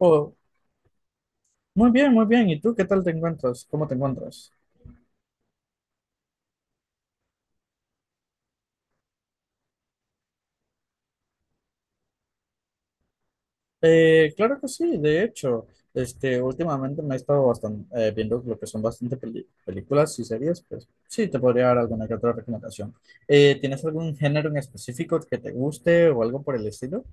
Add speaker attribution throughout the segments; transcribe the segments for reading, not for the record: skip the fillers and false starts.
Speaker 1: Oh, muy bien, muy bien. ¿Y tú qué tal te encuentras? ¿Cómo te encuentras? Claro que sí, de hecho, últimamente me he estado bastante, viendo lo que son bastante películas y series, pues sí, te podría dar alguna que otra recomendación. ¿tienes algún género en específico que te guste o algo por el estilo?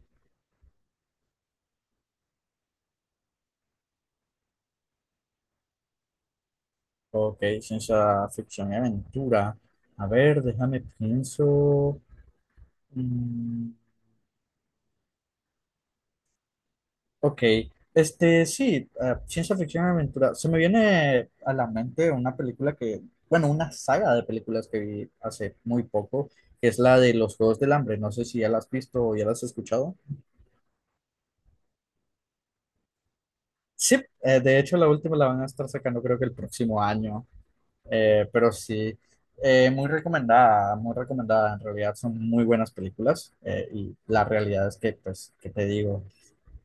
Speaker 1: Ok, ciencia ficción y aventura. A ver, déjame pienso. Mm, Ok, sí, ciencia ficción y aventura. Se me viene a la mente una película que, bueno, una saga de películas que vi hace muy poco, que es la de los Juegos del Hambre. No sé si ya la has visto o ya la has escuchado. Sí, de hecho la última la van a estar sacando creo que el próximo año. Pero sí, muy recomendada, muy recomendada. En realidad son muy buenas películas, y la realidad es que, pues, que te digo,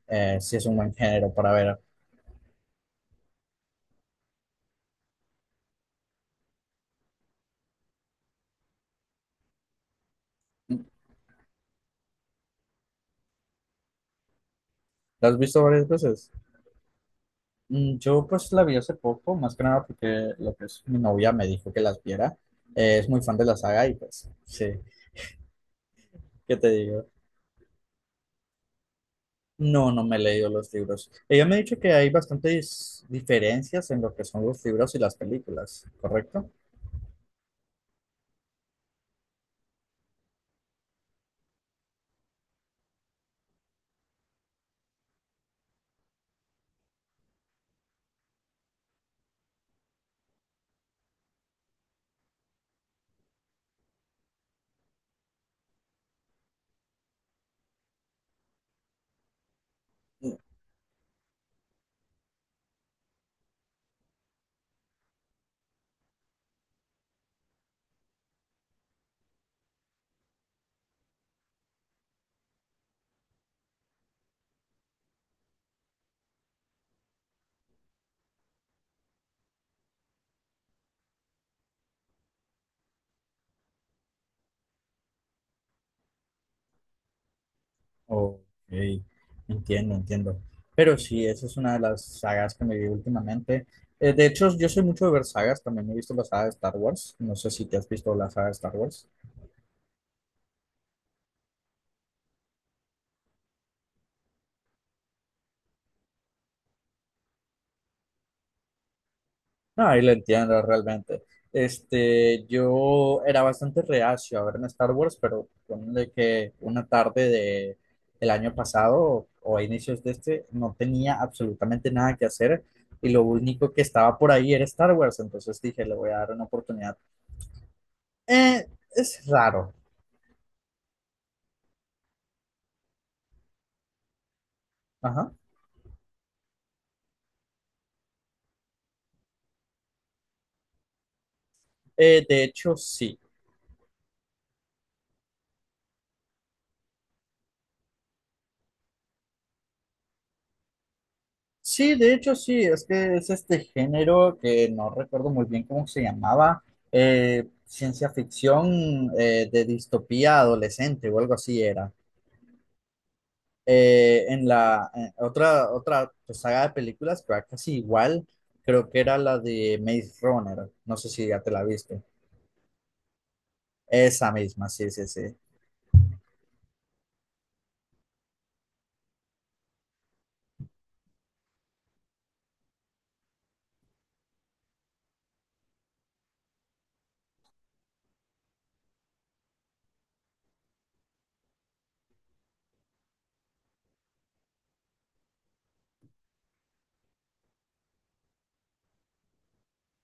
Speaker 1: sí es un buen género para ver. ¿La has visto varias veces? Yo pues la vi hace poco, más que nada porque lo que es mi novia me dijo que las viera. Es muy fan de la saga y pues sí, ¿qué te digo? No, no me he leído los libros. Ella me ha dicho que hay bastantes diferencias en lo que son los libros y las películas, ¿correcto? Mm. Ok, entiendo, entiendo. Pero sí, esa es una de las sagas que me vi últimamente. De hecho, yo soy mucho de ver sagas, también he visto la saga de Star Wars. No sé si te has visto la saga de Star Wars. No, ahí lo entiendo realmente. Este, yo era bastante reacio a ver en Star Wars, pero ponle que una tarde de, del año pasado o a inicios de este no tenía absolutamente nada que hacer y lo único que estaba por ahí era Star Wars, entonces dije, le voy a dar una oportunidad. Eh, es raro. Ajá. De hecho, sí. Sí, de hecho sí, es que es este género que no recuerdo muy bien cómo se llamaba, ciencia ficción, de distopía adolescente o algo así era. En la en otra pues, saga de películas que va casi igual, creo que era la de Maze Runner, no sé si ya te la viste. Esa misma, sí, sí, sí.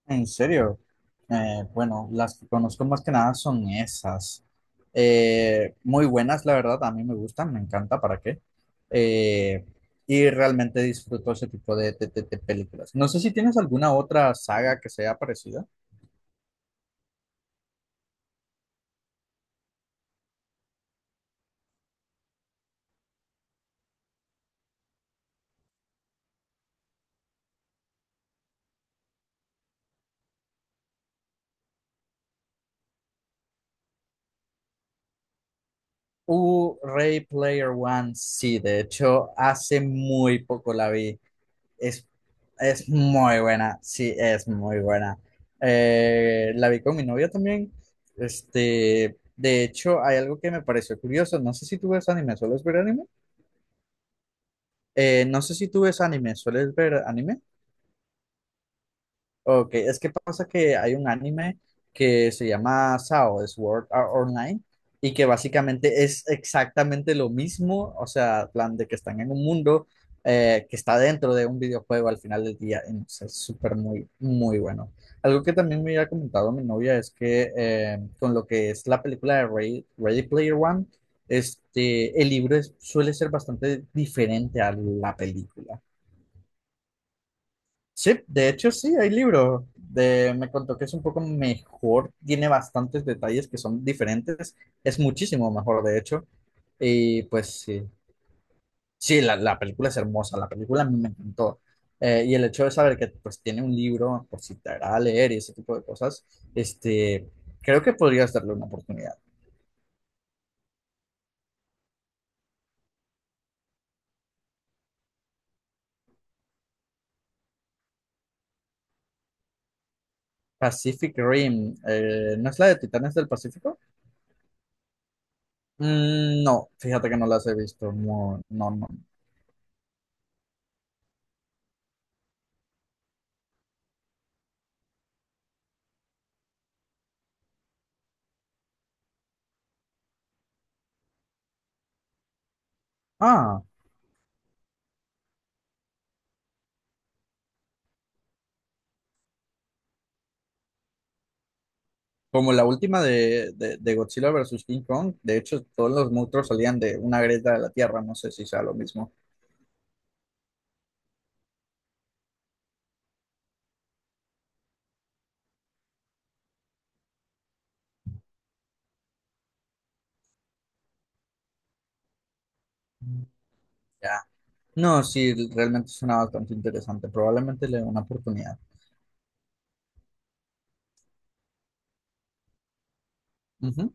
Speaker 1: En serio, bueno, las que conozco más que nada son esas. Muy buenas, la verdad, a mí me gustan, me encanta, ¿para qué? Eh, y realmente disfruto ese tipo de, de películas. No sé si tienes alguna otra saga que sea parecida. Ray Player One, sí, de hecho, hace muy poco la vi. Es, es muy buena, sí, es muy buena. La vi con mi novia también. Este, de hecho, hay algo que me pareció curioso. No sé si tú ves anime, ¿sueles ver anime? No sé si tú ves anime, ¿sueles ver anime? Ok, es que pasa que hay un anime que se llama SAO, Sword Art Online, y que básicamente es exactamente lo mismo, o sea, plan de que están en un mundo que está dentro de un videojuego al final del día, y no sé, es súper muy, muy bueno. Algo que también me había comentado mi novia es que, con lo que es la película de Ready Player One, el suele ser bastante diferente a la película. Sí, de hecho sí, hay libro. De, me contó que es un poco mejor, tiene bastantes detalles que son diferentes, es muchísimo mejor de hecho. Y pues sí, sí, la película es hermosa, la película a mí me encantó. Y el hecho de saber que pues tiene un libro por si te agrada leer y ese tipo de cosas, este, creo que podrías darle una oportunidad. Pacific Rim, ¿no es la de Titanes del Pacífico? Mm, no, fíjate que no las he visto, no, no, no. Ah. Como la última de, de Godzilla versus King Kong, de hecho todos los monstruos salían de una grieta de la tierra, no sé si sea lo mismo. Ya. No, sí, realmente suena bastante interesante. Probablemente le dé una oportunidad. Ujú.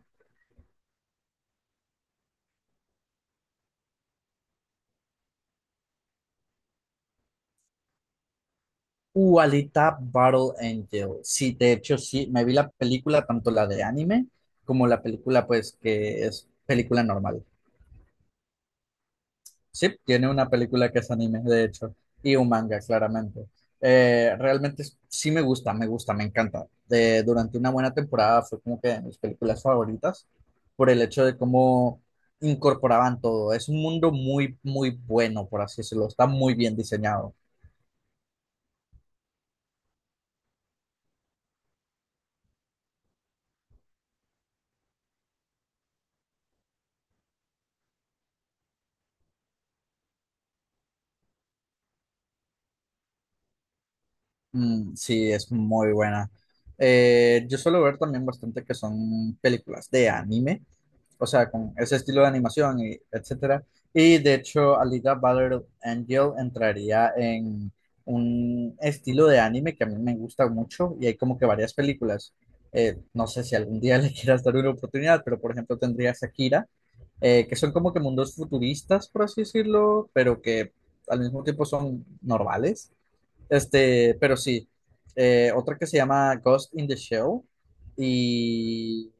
Speaker 1: Alita Battle Angel. Sí, de hecho, sí, me vi la película, tanto la de anime como la película, pues, que es película normal. Sí, tiene una película que es anime, de hecho, y un manga, claramente. Realmente sí me gusta, me gusta, me encanta. De, durante una buena temporada fue como que de mis películas favoritas por el hecho de cómo incorporaban todo. Es un mundo muy, muy bueno, por así decirlo. Está muy bien diseñado. Mm, sí, es muy buena. Yo suelo ver también bastante que son películas de anime, o sea, con ese estilo de animación, y etcétera. Y de hecho, Alita Battle Angel entraría en un estilo de anime que a mí me gusta mucho y hay como que varias películas. No sé si algún día le quieras dar una oportunidad, pero por ejemplo tendría Akira, que son como que mundos futuristas, por así decirlo, pero que al mismo tiempo son normales. Pero sí, otra que se llama Ghost in the Shell y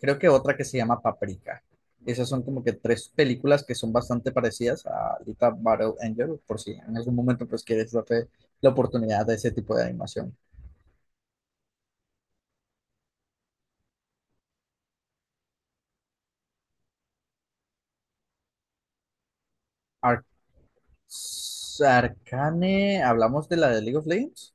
Speaker 1: creo que otra que se llama Paprika. Esas son como que tres películas que son bastante parecidas a Alita Battle Angel, por si en algún momento pues quieres darte la oportunidad de ese tipo de animación. Ar- Arcane, hablamos de la de League of Legends.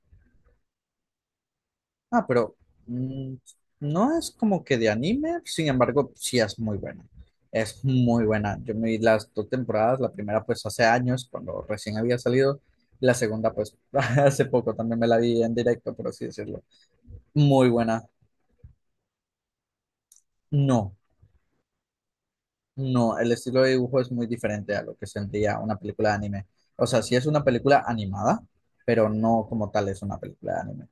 Speaker 1: Ah, pero mm, no es como que de anime, sin embargo, sí es muy buena. Es muy buena. Yo me vi las dos temporadas, la primera pues hace años, cuando recién había salido, la segunda pues hace poco también me la vi en directo, por así decirlo. Muy buena. No, no, el estilo de dibujo es muy diferente a lo que sentía una película de anime. O sea, sí es una película animada, pero no como tal es una película de anime.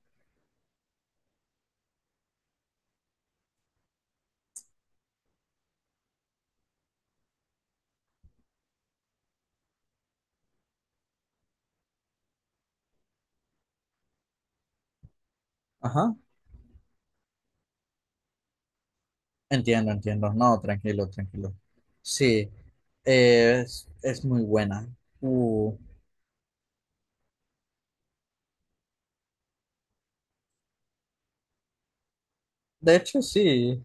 Speaker 1: Ajá. Entiendo, entiendo. No, tranquilo, tranquilo. Sí, es muy buena. Uh, de hecho, sí.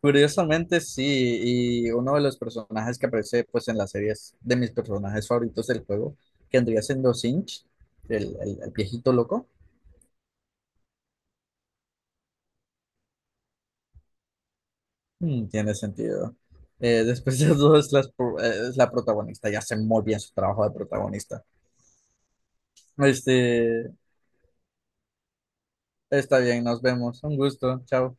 Speaker 1: Curiosamente, sí. Y uno de los personajes que aparece pues, en las series de mis personajes favoritos del juego, que andría siendo Sinch, el, el viejito loco, mm, tiene sentido. Después de todo, es, las es la protagonista. Ya hace muy bien su trabajo de protagonista. Este, está bien, nos vemos. Un gusto. Chao.